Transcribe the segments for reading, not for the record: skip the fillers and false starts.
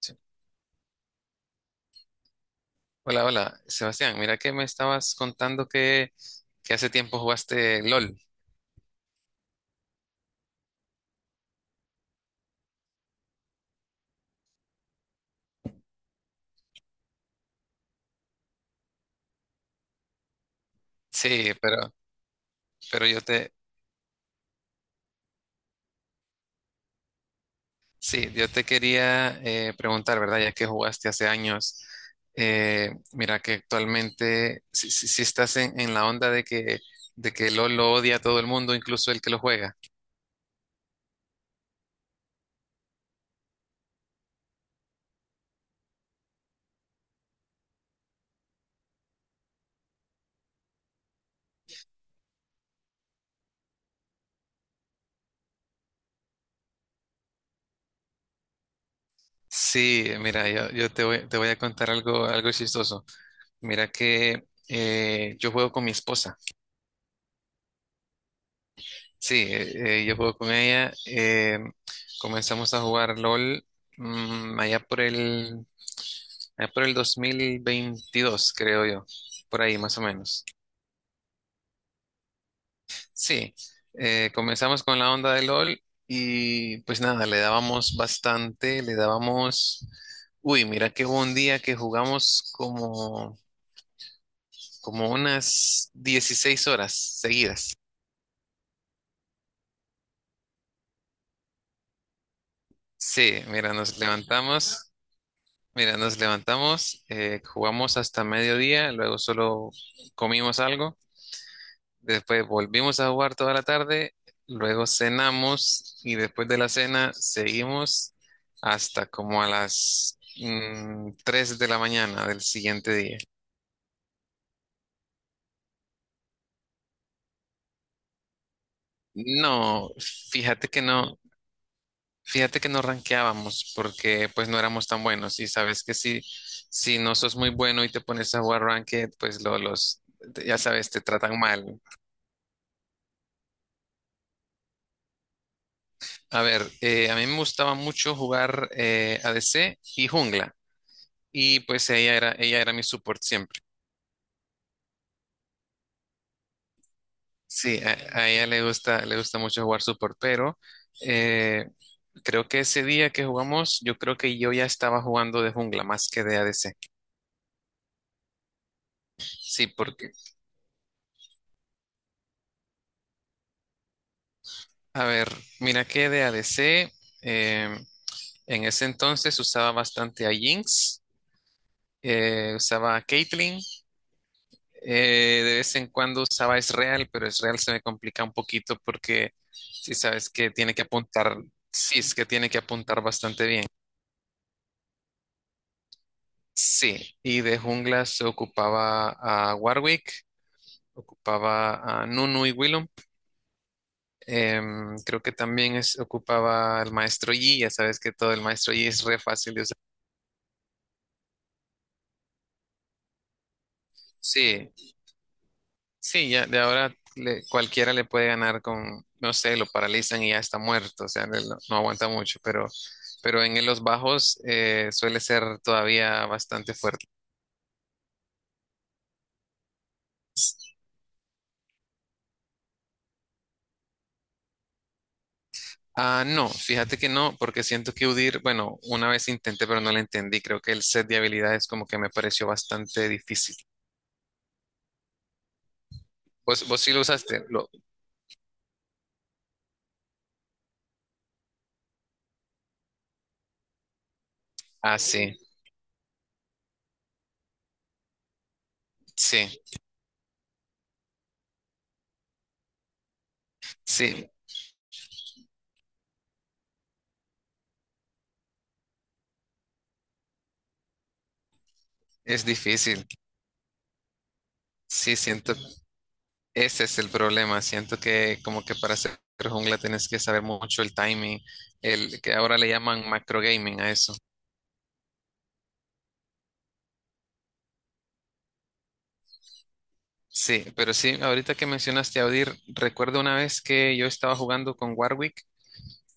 Sí. Hola, hola, Sebastián. Mira que me estabas contando que hace tiempo jugaste LOL. Sí, pero, sí, yo te quería preguntar, ¿verdad? Ya que jugaste hace años, mira que actualmente si estás en la onda de que, LOL lo odia a todo el mundo, incluso el que lo juega. Sí, mira, yo te voy a contar algo chistoso. Mira que yo juego con mi esposa. Sí, yo juego con ella. Comenzamos a jugar LOL mm, allá por el, allá por el 2022, creo yo, por ahí más o menos. Sí, comenzamos con la onda de LOL y pues nada, le dábamos bastante, le dábamos. Uy, mira que hubo un día que jugamos como unas 16 horas seguidas. Sí, mira, nos levantamos. Mira, nos levantamos, jugamos hasta mediodía, luego solo comimos algo, después volvimos a jugar toda la tarde, luego cenamos y después de la cena seguimos hasta como a las 3 de la mañana del siguiente día. No, fíjate que no, fíjate que no rankeábamos porque pues no éramos tan buenos y sabes que si no sos muy bueno y te pones a jugar ranked, pues los, ya sabes, te tratan mal. A ver, a mí me gustaba mucho jugar ADC y jungla. Y pues ella era mi support siempre. Sí, a ella le gusta mucho jugar support, pero eh, creo que ese día que jugamos, yo creo que yo ya estaba jugando de jungla más que de ADC. Sí, porque, a ver, mira que de ADC, eh, en ese entonces usaba bastante a Jinx, usaba a Caitlyn. De vez en cuando usaba Israel, pero Israel se me complica un poquito porque si sabes que tiene que apuntar, sí, es que tiene que apuntar bastante bien. Sí, y de jungla se ocupaba a Warwick, ocupaba a Nunu y Willem. Creo que también ocupaba al maestro Yi, ya sabes que todo el maestro Yi es re fácil de usar. Sí, sí, ya de ahora cualquiera le puede ganar con, no sé, lo paralizan y ya está muerto, o sea, no, no aguanta mucho, pero en los bajos suele ser todavía bastante fuerte. Ah, no, fíjate que no, porque siento que UDIR, bueno, una vez intenté, pero no la entendí. Creo que el set de habilidades como que me pareció bastante difícil. ¿Vos sí lo usaste? Ah, sí, sí, sí, es difícil. Sí, siento ese es el problema. Siento que como que para hacer jungla tienes que saber mucho el timing, el que ahora le llaman macro gaming a eso. Sí, pero sí, ahorita que mencionaste a Udyr, recuerdo una vez que yo estaba jugando con Warwick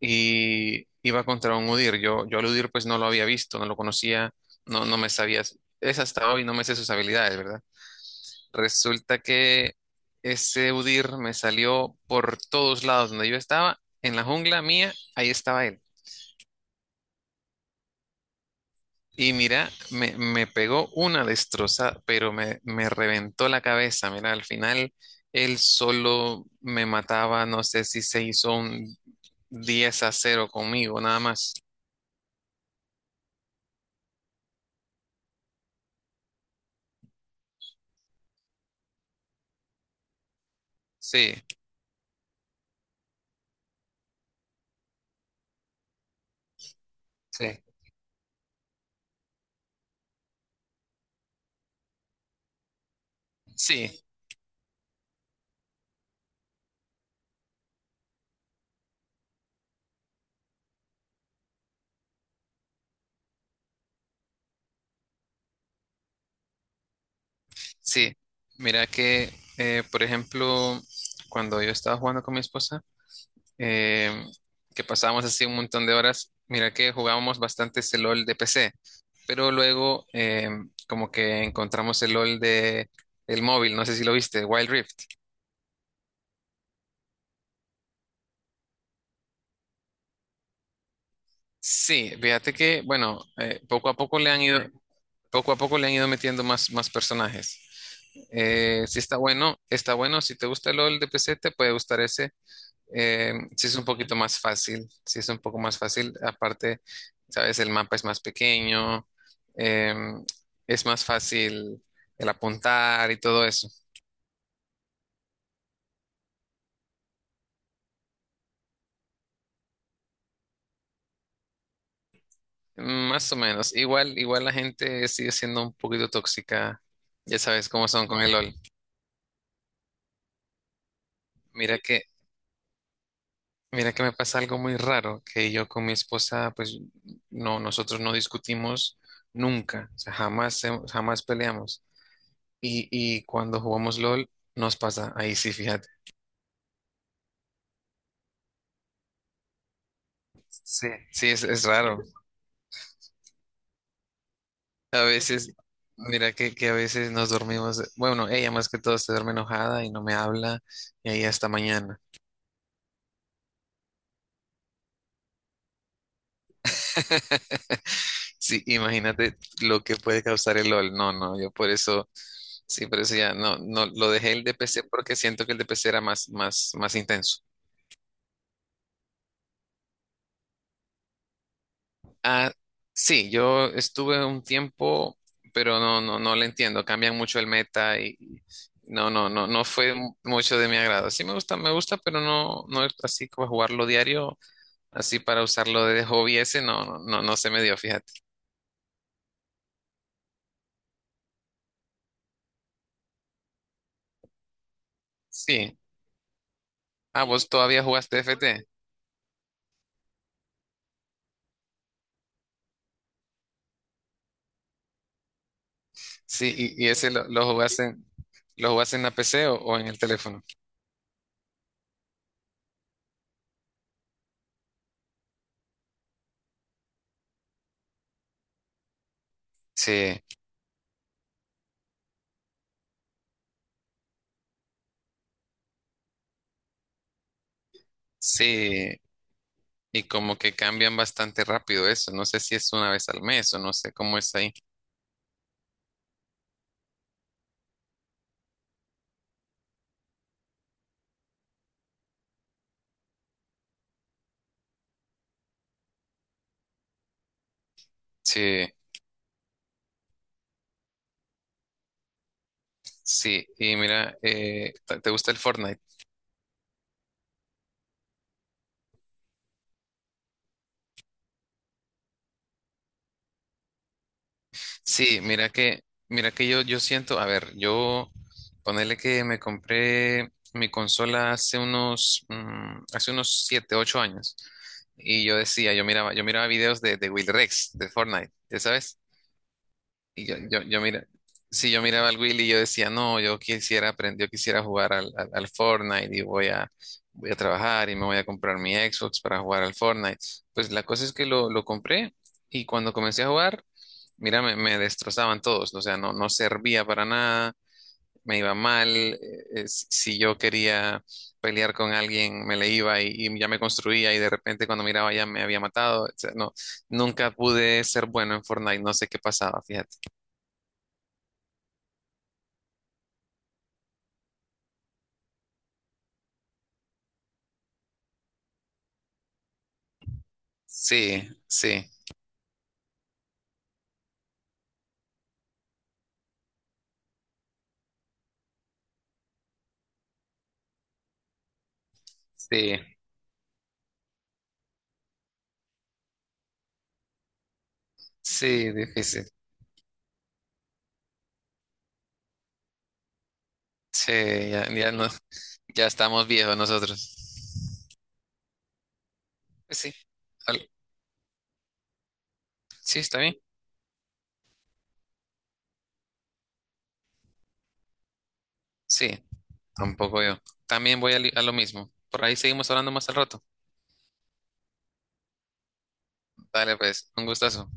y iba contra un Udyr. Yo al Udyr pues no lo había visto, no lo conocía, no, no me sabía. Es hasta hoy, no me sé sus habilidades, ¿verdad? Resulta que ese Udyr me salió por todos lados donde yo estaba, en la jungla mía, ahí estaba él. Y mira, me pegó una destrozada, pero me reventó la cabeza. Mira, al final él solo me mataba, no sé si se hizo un 10-0 conmigo, nada más. Sí, sí. Sí, sí. Mira que, por ejemplo, cuando yo estaba jugando con mi esposa, eh, que pasábamos así un montón de horas. Mira que jugábamos bastante ese LOL de PC, pero luego como que encontramos el LOL de el móvil, no sé si lo viste, Wild Rift. Sí, fíjate que, bueno, poco a poco le han ido metiendo más personajes. Sí está bueno, está bueno. Si te gusta el LOL de PC, te puede gustar ese. Sí es un poquito más fácil, sí es un poco más fácil. Aparte, sabes, el mapa es más pequeño, em, es más fácil el apuntar y todo eso. Más o menos. Igual la gente sigue siendo un poquito tóxica. Ya sabes cómo son con el LOL. Mira que, mira que me pasa algo muy raro, que yo con mi esposa, pues no, nosotros no discutimos nunca, o sea, jamás, jamás peleamos. Y cuando jugamos LOL, nos pasa ahí sí, fíjate. Sí, sí, es raro. A veces, mira que a veces nos dormimos, bueno, ella más que todo se duerme enojada y no me habla y ahí hasta mañana. Sí, imagínate lo que puede causar el LOL. No, no, yo por eso, sí, por eso ya no, no, lo dejé el DPC porque siento que el DPC era más, más, más intenso. Ah, sí, yo estuve un tiempo, pero no, no, no le entiendo. Cambian mucho el meta y no, no, no, no fue mucho de mi agrado. Sí me gusta, pero no, no es así como jugarlo diario, así para usarlo de hobby ese, no, no, no, no se me dio, fíjate. Sí. Ah, vos todavía jugaste FT. Sí, y ese lo jugaste, lo jugaste en la PC o en el teléfono. Sí, sí. Y como que cambian bastante rápido eso. No sé si es una vez al mes o no sé cómo es ahí. Sí. Sí, y mira, ¿te gusta el Fortnite? Sí, mira que yo siento, a ver, yo ponerle que me compré mi consola hace unos 7 8 años. Y yo decía, yo miraba videos de Will Rex, de Fortnite, ¿ya sabes? Y yo mira, si yo miraba al Willy, yo decía, no, yo quisiera aprender, yo quisiera jugar al Fortnite y voy a trabajar y me voy a comprar mi Xbox para jugar al Fortnite. Pues la cosa es que lo compré y cuando comencé a jugar, mira, me destrozaban todos, o sea, no, no servía para nada, me iba mal, eh, si si yo quería pelear con alguien, me le iba y ya me construía y de repente cuando miraba ya me había matado, o sea, no, nunca pude ser bueno en Fortnite, no sé qué pasaba, fíjate. Sí, sí, sí, sí, difícil. Sí, ya, ya no, ya estamos viejos nosotros. Pues sí, al- sí, está bien. Sí, tampoco yo. También voy a, a lo mismo. Por ahí seguimos hablando más al rato. Dale, pues, un gustazo.